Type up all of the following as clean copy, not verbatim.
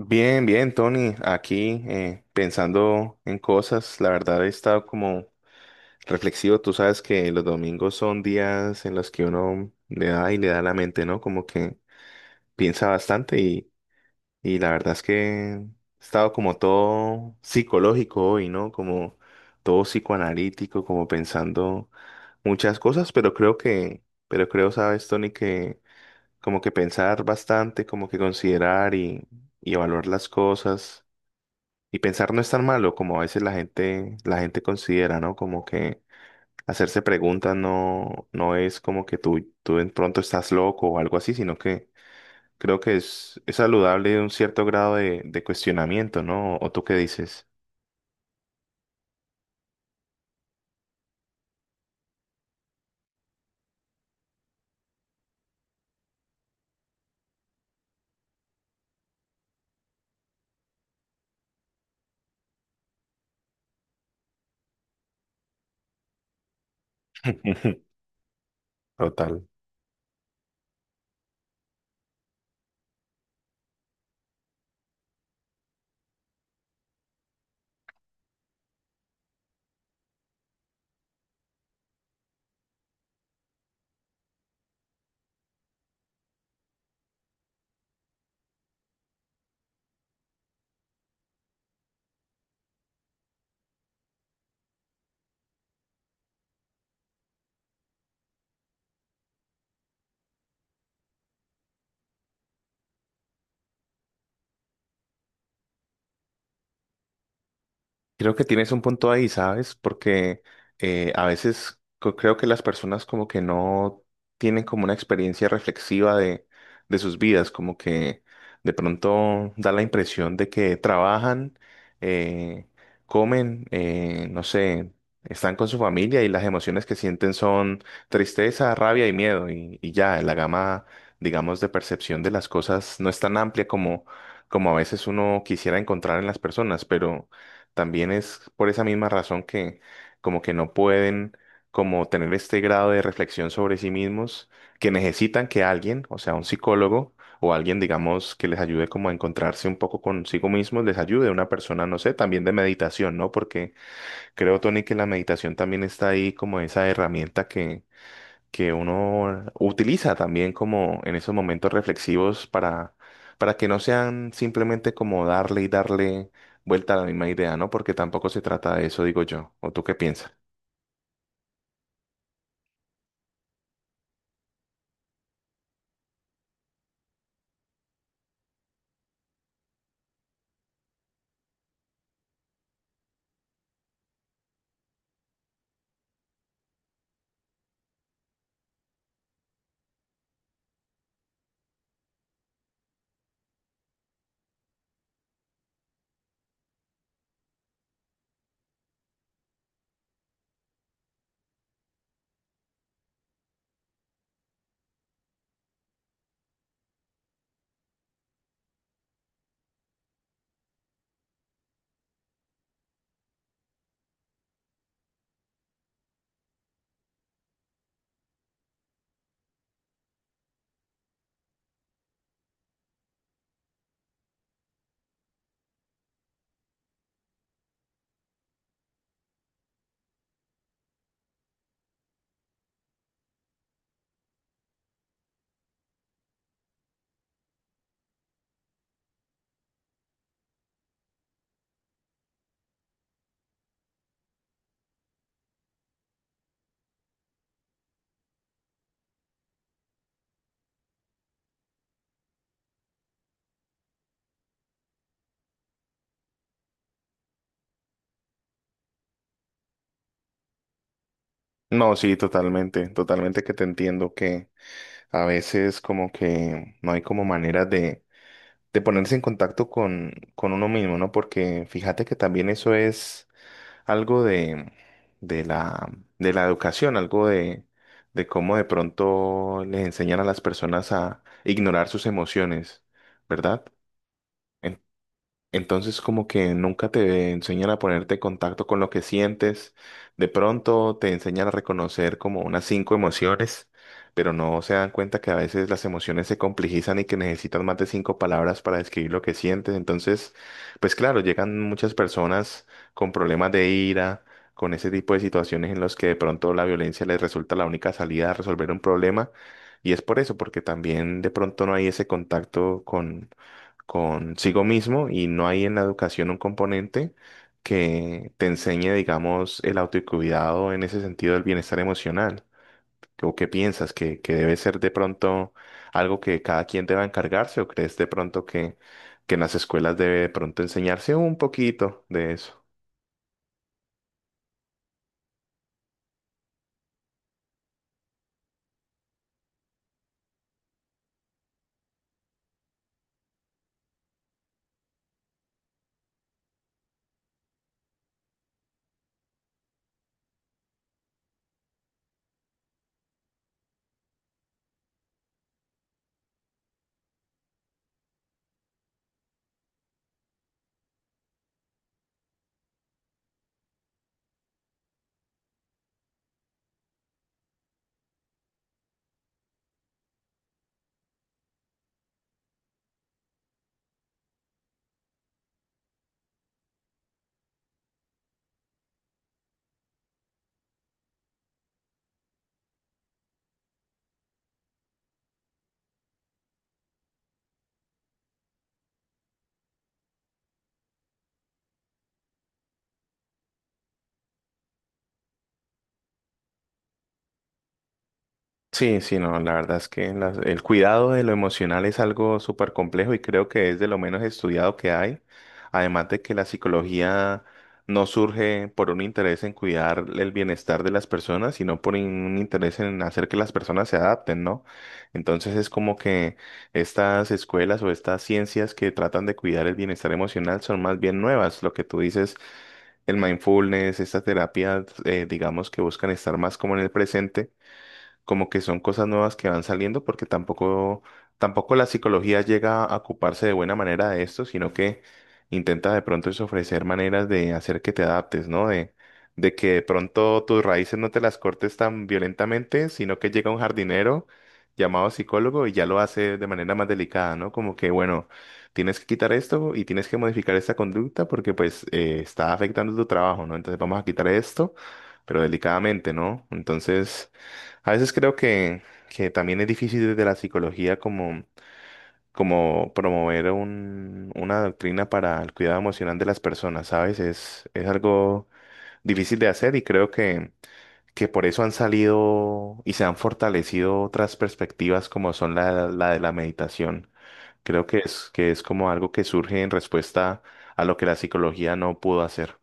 Bien, bien, Tony, aquí pensando en cosas, la verdad he estado como reflexivo. Tú sabes que los domingos son días en los que uno le da y le da a la mente, ¿no? Como que piensa bastante y la verdad es que he estado como todo psicológico hoy, ¿no? Como todo psicoanalítico, como pensando muchas cosas, pero pero creo, sabes, Tony, que como que pensar bastante, como que considerar y evaluar las cosas y pensar no es tan malo como a veces la gente considera, ¿no? Como que hacerse preguntas no es como que tú de pronto estás loco o algo así, sino que creo que es saludable un cierto grado de cuestionamiento, ¿no? ¿O tú qué dices? Total. Creo que tienes un punto ahí, ¿sabes? Porque a veces creo que las personas como que no tienen como una experiencia reflexiva de sus vidas, como que de pronto da la impresión de que trabajan, eh, comen, no sé, están con su familia y las emociones que sienten son tristeza, rabia y miedo y ya, la gama, digamos, de percepción de las cosas no es tan amplia como a veces uno quisiera encontrar en las personas, pero... También es por esa misma razón que como que no pueden como tener este grado de reflexión sobre sí mismos, que necesitan que alguien, o sea, un psicólogo o alguien, digamos, que les ayude como a encontrarse un poco consigo mismos, les ayude una persona, no sé, también de meditación, ¿no? Porque creo, Tony, que la meditación también está ahí como esa herramienta que uno utiliza también como en esos momentos reflexivos para que no sean simplemente como darle y darle vuelta a la misma idea, ¿no? Porque tampoco se trata de eso, digo yo. ¿O tú qué piensas? No, sí, totalmente, totalmente que te entiendo que a veces como que no hay como manera de ponerse en contacto con uno mismo, ¿no? Porque fíjate que también eso es algo de la, de la educación, algo de cómo de pronto les enseñan a las personas a ignorar sus emociones, ¿verdad? Entonces como que nunca te enseñan a ponerte en contacto con lo que sientes. De pronto te enseñan a reconocer como unas cinco emociones, pero no se dan cuenta que a veces las emociones se complejizan y que necesitan más de cinco palabras para describir lo que sientes. Entonces, pues claro, llegan muchas personas con problemas de ira, con ese tipo de situaciones en los que de pronto la violencia les resulta la única salida a resolver un problema. Y es por eso, porque también de pronto no hay ese contacto consigo mismo y no hay en la educación un componente que te enseñe, digamos, el autocuidado en ese sentido del bienestar emocional. ¿O qué piensas? ¿Que debe ser de pronto algo que cada quien deba encargarse o crees de pronto que en las escuelas debe de pronto enseñarse un poquito de eso? Sí, sí, no, la verdad es que el cuidado de lo emocional es algo súper complejo y creo que es de lo menos estudiado que hay. Además de que la psicología no surge por un interés en cuidar el bienestar de las personas, sino por un interés en hacer que las personas se adapten, ¿no? Entonces es como que estas escuelas o estas ciencias que tratan de cuidar el bienestar emocional son más bien nuevas. Lo que tú dices, el mindfulness, estas terapias, digamos que buscan estar más como en el presente, como que son cosas nuevas que van saliendo porque tampoco la psicología llega a ocuparse de buena manera de esto, sino que intenta de pronto es ofrecer maneras de hacer que te adaptes, ¿no? De que de pronto tus raíces no te las cortes tan violentamente, sino que llega un jardinero llamado psicólogo y ya lo hace de manera más delicada, ¿no? Como que, bueno, tienes que quitar esto y tienes que modificar esta conducta porque pues está afectando tu trabajo, ¿no? Entonces vamos a quitar esto, pero delicadamente, ¿no? Entonces... A veces creo que también es difícil desde la psicología como promover una doctrina para el cuidado emocional de las personas, ¿sabes? Es algo difícil de hacer y creo que por eso han salido y se han fortalecido otras perspectivas como son la de la meditación. Creo que que es como algo que surge en respuesta a lo que la psicología no pudo hacer.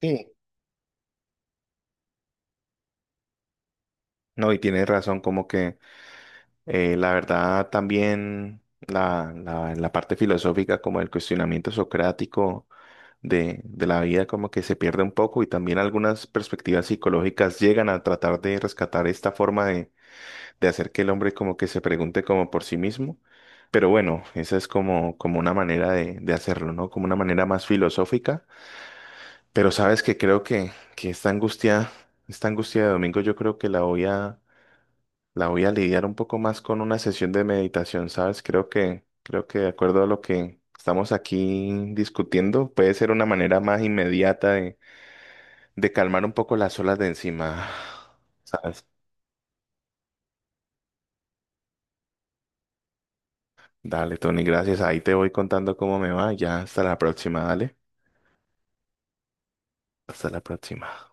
Sí. No, y tienes razón, como que la verdad, también la parte filosófica, como el cuestionamiento socrático de la vida, como que se pierde un poco y también algunas perspectivas psicológicas llegan a tratar de rescatar esta forma de hacer que el hombre como que se pregunte como por sí mismo. Pero bueno, esa es como, como una manera de hacerlo, ¿no? Como una manera más filosófica. Pero sabes que creo que esta angustia de domingo, yo creo que la voy a lidiar un poco más con una sesión de meditación, ¿sabes? Creo creo que de acuerdo a lo que estamos aquí discutiendo, puede ser una manera más inmediata de calmar un poco las olas de encima, ¿sabes? Dale, Tony, gracias. Ahí te voy contando cómo me va. Ya, hasta la próxima, dale. Hasta la próxima.